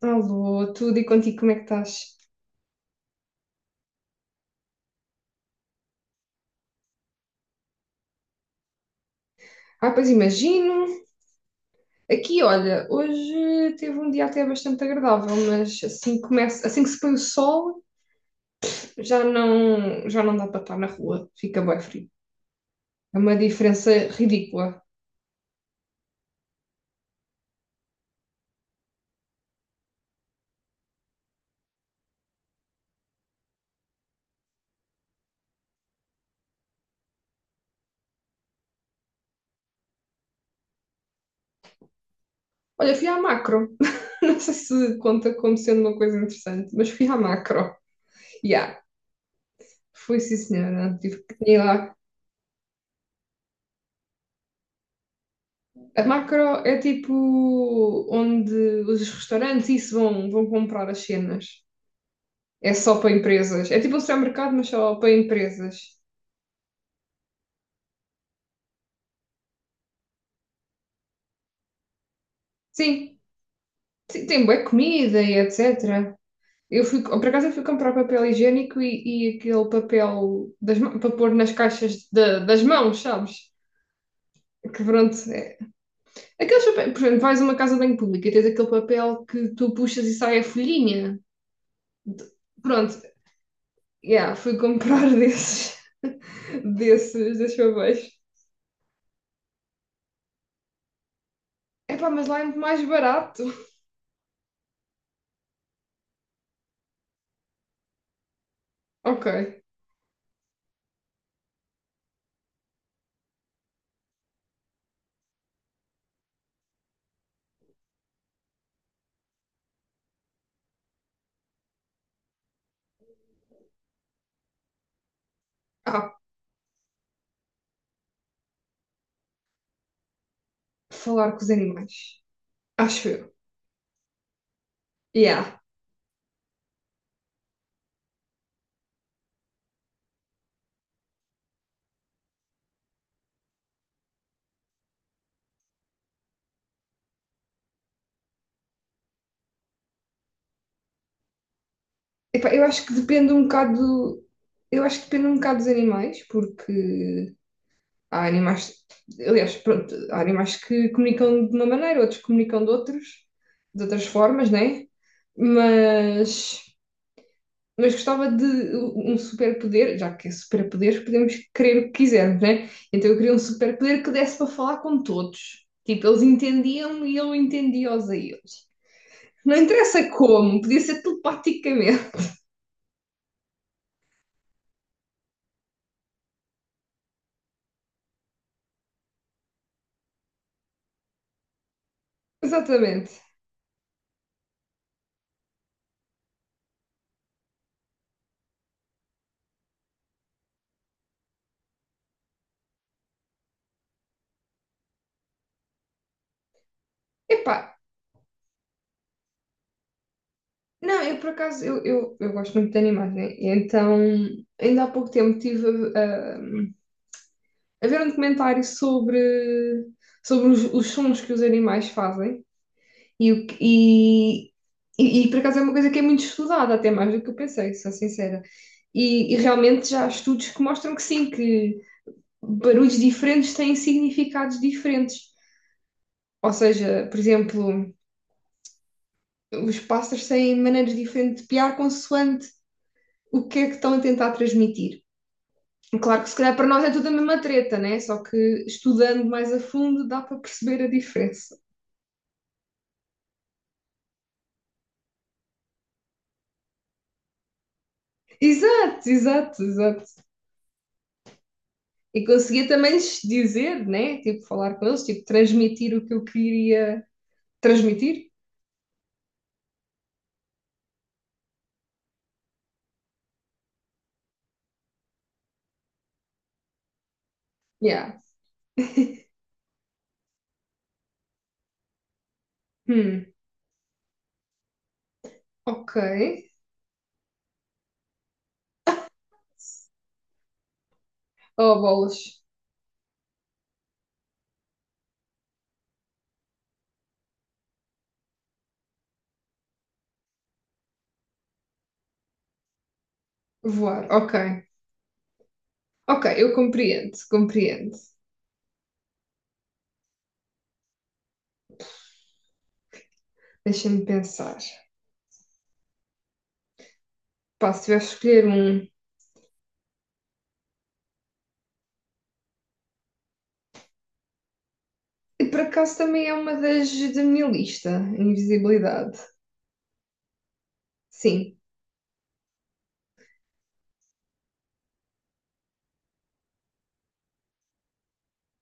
Alô, tudo e contigo, como é que estás? Ah, pois imagino. Aqui, olha, hoje teve um dia até bastante agradável, mas assim que começa, assim que se põe o sol, já não dá para estar na rua, fica bem frio. É uma diferença ridícula. Olha, fui à macro. Não sei se conta como sendo uma coisa interessante, mas fui à macro. Yeah, fui sim, senhora. Tive que ir lá. A macro é tipo onde os restaurantes isso vão comprar as cenas. É só para empresas. É tipo um supermercado, mas só para empresas. Sim, sim, tem bué comida e etc. Eu fui, por acaso eu fui comprar papel higiênico e aquele papel das para pôr nas caixas das mãos, sabes? Que pronto, é. Aqueles papéis, por exemplo, vais a uma casa bem pública e tens aquele papel que tu puxas e sai a folhinha. De- Pronto, yeah, fui comprar desses, desses papéis. Epá, mas lá é muito mais barato. Ok. Ah, falar com os animais. Acho eu. Yeah. Epá, eu acho que depende um bocado. Eu acho que depende um bocado dos animais, porque há animais. Aliás, pronto, há animais que comunicam de uma maneira, outros comunicam de outros, de outras formas, né? Mas, mas gostava de um superpoder, já que é superpoder, podemos querer o que quisermos, né? Então eu queria um superpoder que desse para falar com todos. Tipo, eles entendiam-me e eu entendia-os a eles. Não interessa como, podia ser telepaticamente. Exatamente. Epá, não, eu por acaso, eu gosto muito de animais, né? E então, ainda há pouco tempo estive a, a ver um documentário sobre os sons que os animais fazem e, o que- e, por acaso é uma coisa que é muito estudada, até mais do que eu pensei, sou sincera. E realmente já há estudos que mostram que sim, que barulhos diferentes têm significados diferentes. Ou seja, por exemplo, os pássaros têm maneiras diferentes de piar consoante o que é que estão a tentar transmitir. Claro que se calhar para nós é tudo a mesma treta, né? Só que estudando mais a fundo dá para perceber a diferença. Exato, exato, exato. E conseguia também lhes dizer, né? Tipo, falar com eles, tipo, transmitir o que eu queria transmitir. Yeah. Hum, ok. Oh, bolas. Voar, ok. Ok, eu compreendo, compreendo. Deixa-me pensar. Pá, se tiver a escolher um. E por acaso também é uma das da minha lista, invisibilidade. Sim,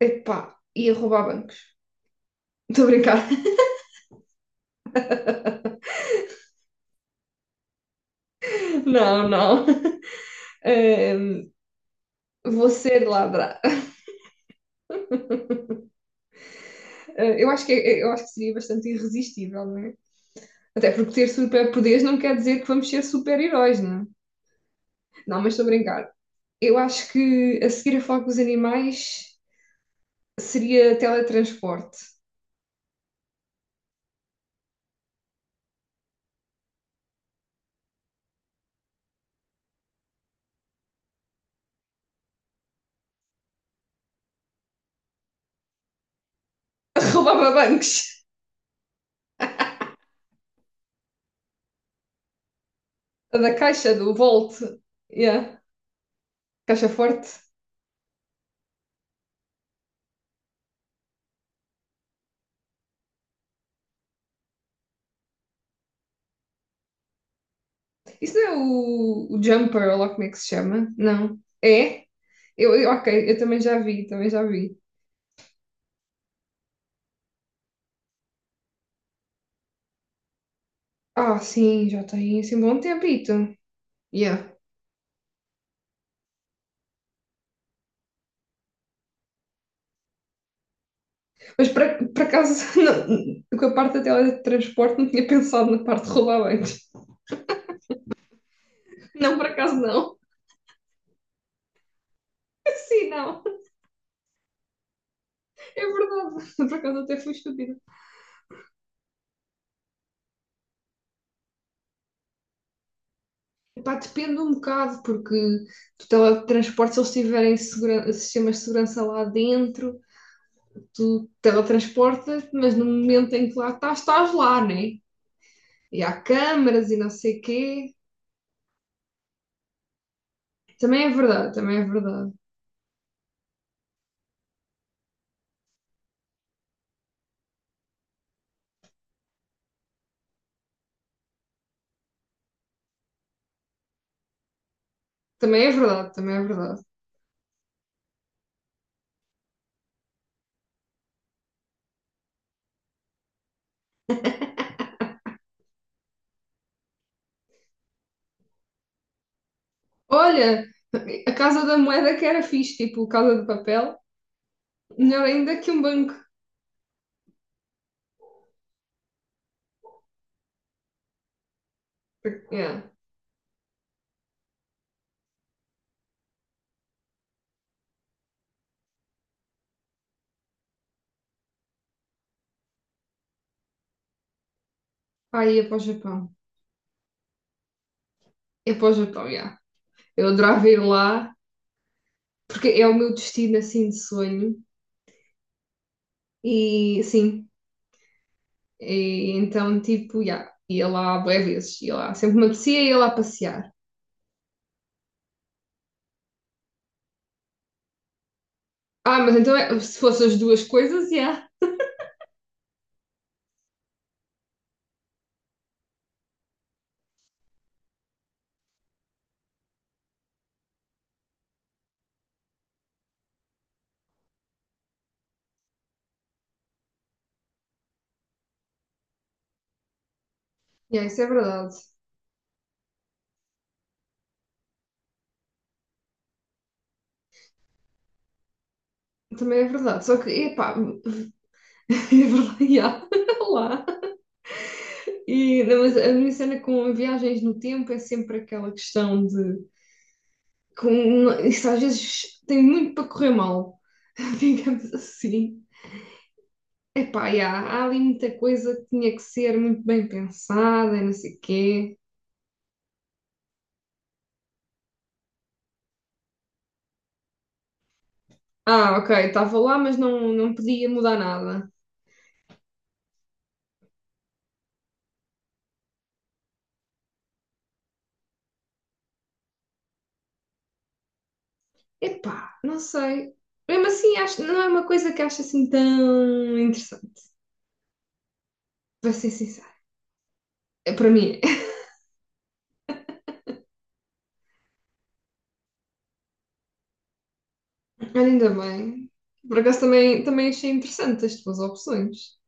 epá, ia roubar bancos. Estou a brincar. Não, não. Ahm, Vou ser ladra. Ah, eu acho que, é, eu acho que seria bastante irresistível, não é? Até porque ter superpoderes não quer dizer que vamos ser super-heróis, não é? Não, mas estou a brincar. Eu acho que a seguir a falar com os animais seria teletransporte. Roubava bancos. Da caixa, do Volt. Yeah. Caixa forte. Isso é o Jumper, ou lá como é que se chama? Não. É? Ok, eu também já vi, também já vi. Ah, sim, já tem assim um bom tempito. Yeah. Mas por, por acaso, não, com a parte da teletransporte, não tinha pensado na parte de rodabantes. Não, por acaso não. Sim, não. É verdade. Por acaso até fui estúpida. Pá, depende um bocado, porque do teletransporte, se eles tiverem sistemas de segurança lá dentro. Tu teletransportas, mas no momento em que lá estás, estás lá, né? E há câmaras e não sei o quê. Também é verdade, também é verdade. Também é verdade, também é verdade. Olha, a Casa da Moeda que era fixe, tipo Casa de Papel, melhor ainda que um banco. Yeah. Pá, ia para o Japão. Ia para o Japão, yeah. Eu adorava ir lá, porque é o meu destino, assim, de sonho. E, sim, tipo, yeah, ia lá bué vezes, ia lá. Sempre me apetecia, ia lá passear. Ah, mas então se fossem as duas coisas, yeah. Yeah, isso é verdade. Também é verdade. Só que, epá, é verdade, yeah. Não, mas a minha cena com viagens no tempo é sempre aquela questão de... Com, isso às vezes tem muito para correr mal, digamos assim. Epá, yeah, há ali muita coisa que tinha que ser muito bem pensada e não sei o quê. Ah, ok, estava lá, mas não podia mudar nada. Epá, não sei. Mesmo assim, acho, não é uma coisa que acho assim tão interessante, para ser sincera. É, para mim, é. Olha, ainda bem. Por acaso também, também achei interessante as tuas opções.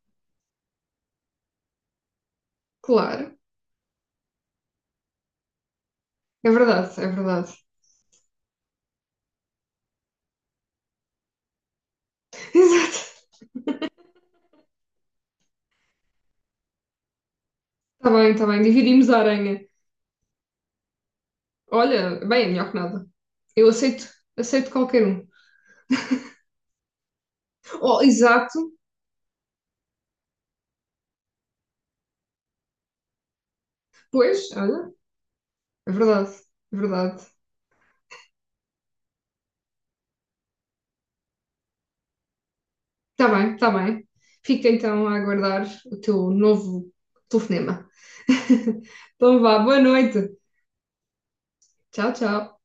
Claro, é verdade, é verdade. Exato. Está bem, dividimos a aranha. Olha, bem, é melhor que nada. Eu aceito, aceito qualquer um. Oh, exato, pois, olha, é verdade, é verdade. Está bem, está bem. Fica então a aguardar o teu novo telefonema. Então vá, boa noite. Tchau, tchau.